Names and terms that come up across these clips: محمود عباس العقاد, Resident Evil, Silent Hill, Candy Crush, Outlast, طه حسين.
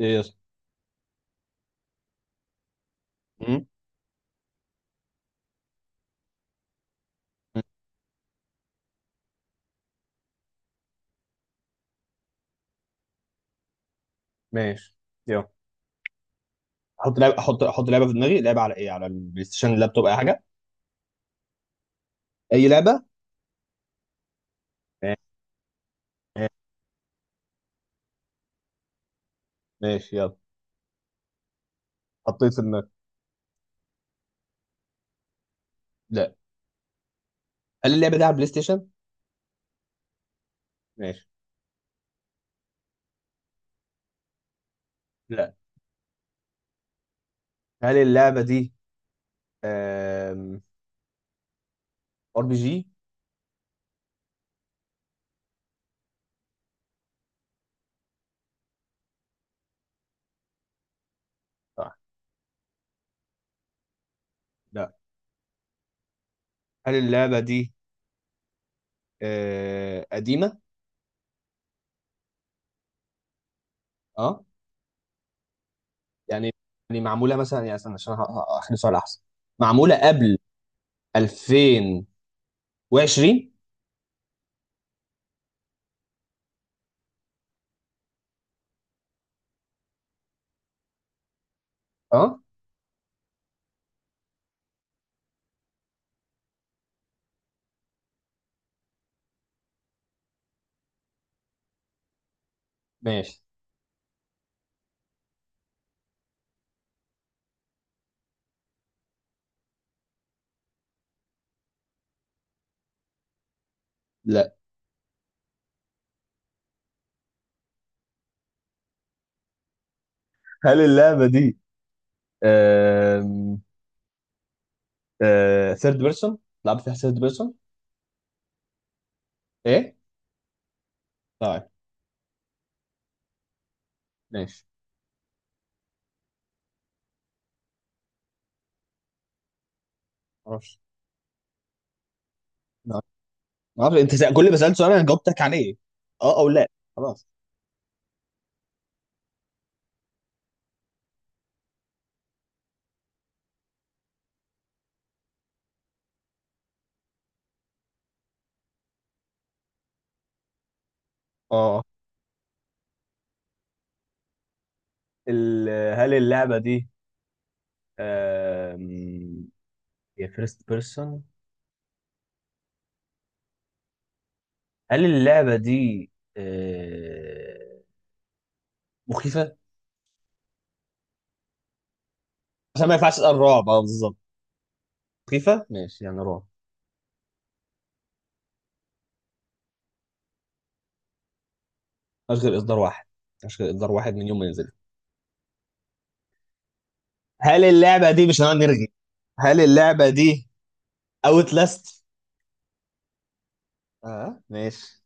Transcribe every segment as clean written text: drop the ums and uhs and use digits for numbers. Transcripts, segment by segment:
ايه يا اسطى. مم؟ مم. ماشي، يلا. احط لعبه، احط لعبه في دماغي. لعبه على ايه؟ على البلاي ستيشن، اللابتوب، اي حاجه. اي لعبه. ماشي يلا، حطيت في دماغي. لا. هل اللعبه دي على البلاي ستيشن؟ ماشي. لا. هل اللعبه دي ار بي جي؟ صح. لا. هل اللعبه دي قديمه؟ اه. يعني، يعني معموله مثلا، يعني استنى عشان اخلي سؤال احسن. معموله قبل 2020؟ اه، ماشي. لا. هل اللعبه دي ثيرد بيرسون؟ لعبت فيها ثيرد بيرسون؟ ايه طيب، ماشي. معرفش. ما اعرف، انت كل ما سألت سؤال انا جاوبتك عليه. اه او لا، خلاص. اه. ال... هل اللعبة دي آم، هي فيرست بيرسون؟ هل اللعبة دي آه، مخيفة؟ عشان ما ينفعش اسأل رعب. اه بالظبط، مخيفة ماشي يعني رعب. مش غير اصدار واحد، مش غير اصدار واحد من يوم ما نزل. هل اللعبة دي، مش هنقعد نرغي. هل اللعبة دي اوت لاست؟ اه ماشي.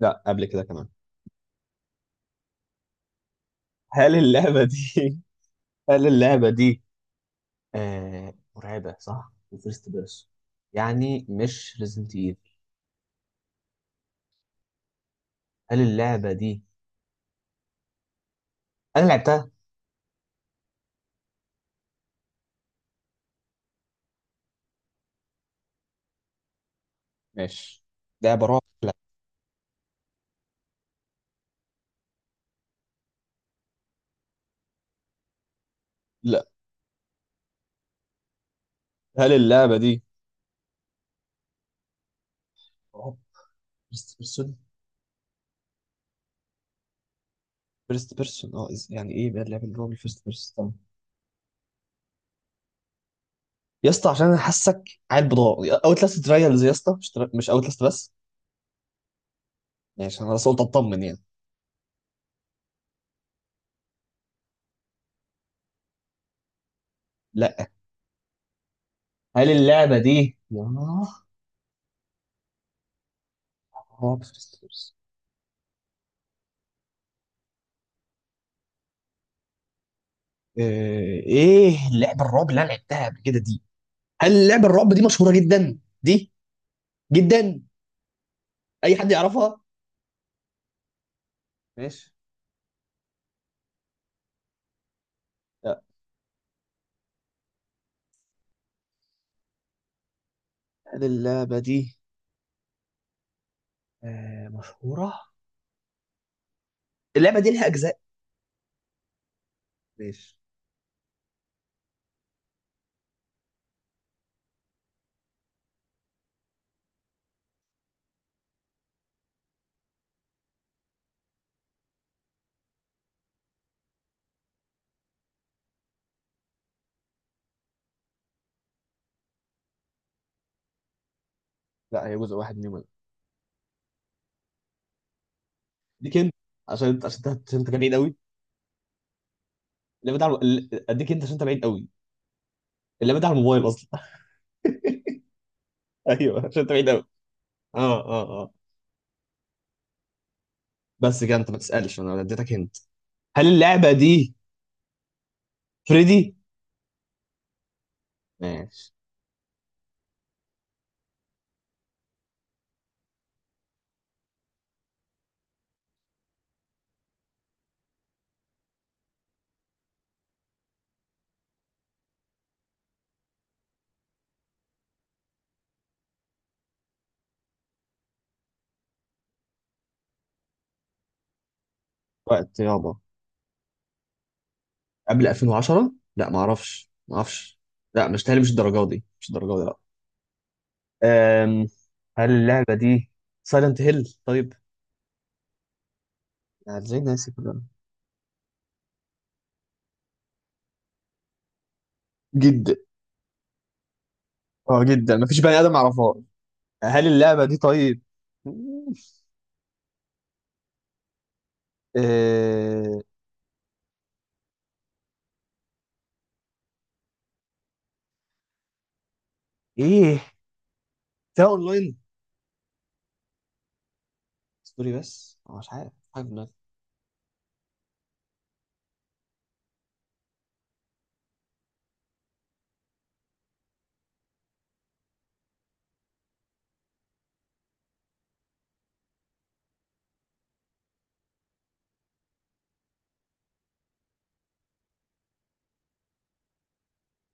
لا، قبل كده كمان. هل اللعبة دي، هل اللعبة دي مرعبة صح؟ وفيرست بيرسون، يعني مش ريزنت ايفل. هل اللعبة دي انا لعبتها؟ ماشي. لعبة رعب، لا. لا. هل اللعبة دي رعب فيرست بيرسون؟ فيرست بيرسون اه، يعني ايه بقى اللعبة اللي رعب الفيرست بيرسون؟ طب يا اسطى، عشان انا حاسك عيل بضاعة، اوت لاست ترايلز يا اسطى، مش مش اوت لاست بس. ماشي، انا بس قلت اطمن يعني. لا. هل اللعبة دي ياه، رعب فيرست بيرسون. ايه لعب الرعب اللي انا لعبتها قبل كده دي؟ هل لعب الرعب دي مشهوره جدا دي؟ جدا؟ اي حد يعرفها؟ ماشي. لا. هل اللعبه دي مشهوره؟ اللعبه دي لها اجزاء؟ ماشي. لا، هي جزء واحد منهم. اديك انت، عشان انت بعيد قوي. اللعبه دي على اديك انت عشان انت بعيد قوي. اللعبه دي على الموبايل اصلا. ايوه، عشان انت بعيد قوي. اه. بس كده انت ما تسالش، انا اديتك انت. هل اللعبه دي فريدي؟ ماشي. وقت يابا، قبل 2010. لا، ما اعرفش، ما اعرفش. لا مش تهيألي، مش الدرجه دي، مش الدرجه دي، لا. أم... هل اللعبه دي سايلنت هيل؟ طيب، يعني ازاي ناسي كل ده؟ جدا. اه جدا، مفيش بني ادم اعرفها. هل اللعبه دي طيب أه... ايه، فيها اونلاين؟ ستوري بس، أنا مش عارف، مش عارف دماغي.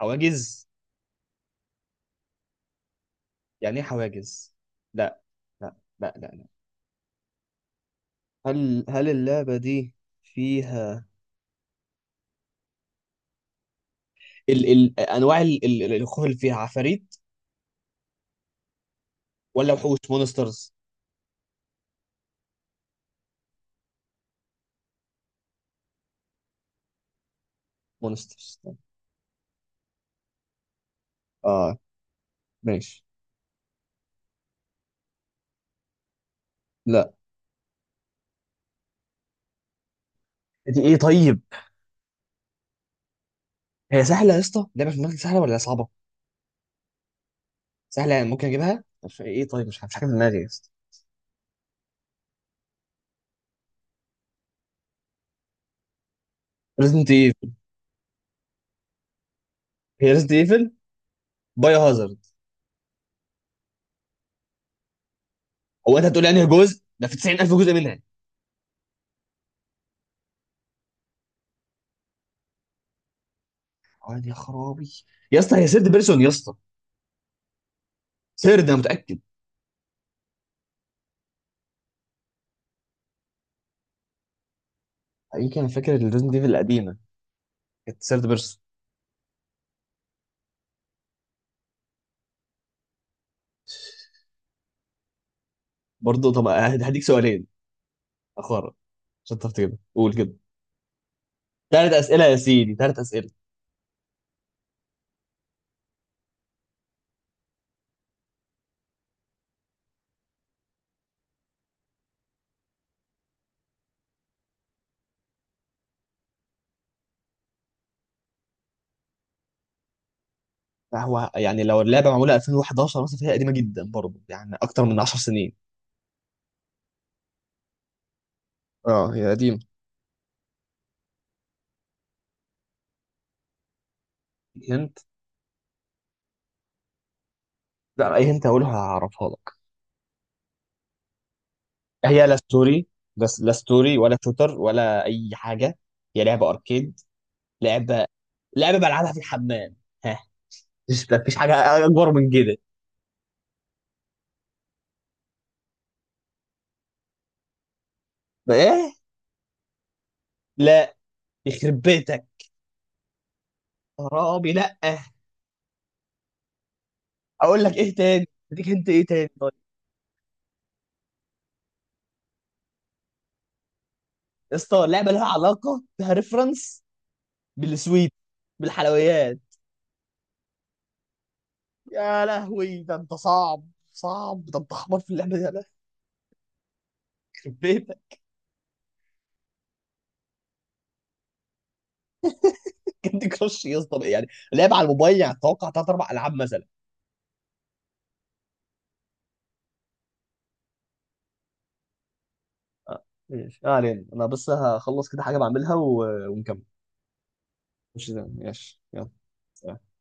حواجز؟ يعني ايه حواجز؟ لا لا لا. هل اللعبه دي فيها انواع الخوف، اللي فيها عفاريت ولا وحوش، مونسترز؟ مونسترز، اه ماشي. لا، دي ايه طيب؟ هي سهله يا اسطى، لعبه في دماغك سهله ولا صعبه؟ سهله يعني ممكن اجيبها؟ مش ايه طيب، مش مش حاجه في دماغي يا اسطى. ريزنت ايفل؟ هي ريزنت ايفل بايو هازارد؟ هو انت هتقول يعني جزء ده في 90,000 جزء منها؟ اه يا خرابي. يا اسطى هي سيرد بيرسون يا اسطى، سيرد انا متاكد. يمكن انا فاكر الريزنت ايفل القديمه كانت سيرد بيرسون. برضه طب، هديك سؤالين اخرى عشان تعرف تجيبها، قول كده. ثلاث اسئله يا سيدي، ثلاث اسئله. لا هو يعني لو اللعبه معموله 2011 مثلا فهي قديمه جدا برضه، يعني اكتر من 10 سنين. اه هي قديمة. هنت؟ لا اي هنت هقولها، هعرفها لك. هي لا ستوري، بس لا ستوري ولا شوتر ولا اي حاجه. هي لعبه اركيد. لعبه، لعبه بلعبها في الحمام. ها؟ مش مفيش حاجه اكبر من كده. ايه؟ لا، يخرب بيتك. حرامي، لا. اقول لك ايه تاني، اديك انت ايه تاني طيب. يا اسطى لعبه لها علاقه، فيها ريفرنس بالسويت، بالحلويات. يا لهوي، ده انت صعب، صعب. ده انت حمار في اللعبه دي، يا لهوي. يخرب بيتك. كاندي كراش يا اسطى يعني، لعب على الموبايل، يعني اتوقع ثلاث اربع العاب مثلا. ماشي، ما علينا. انا بس هخلص كده حاجه بعملها و... ونكمل. مش زين، ماشي يلا. سلام.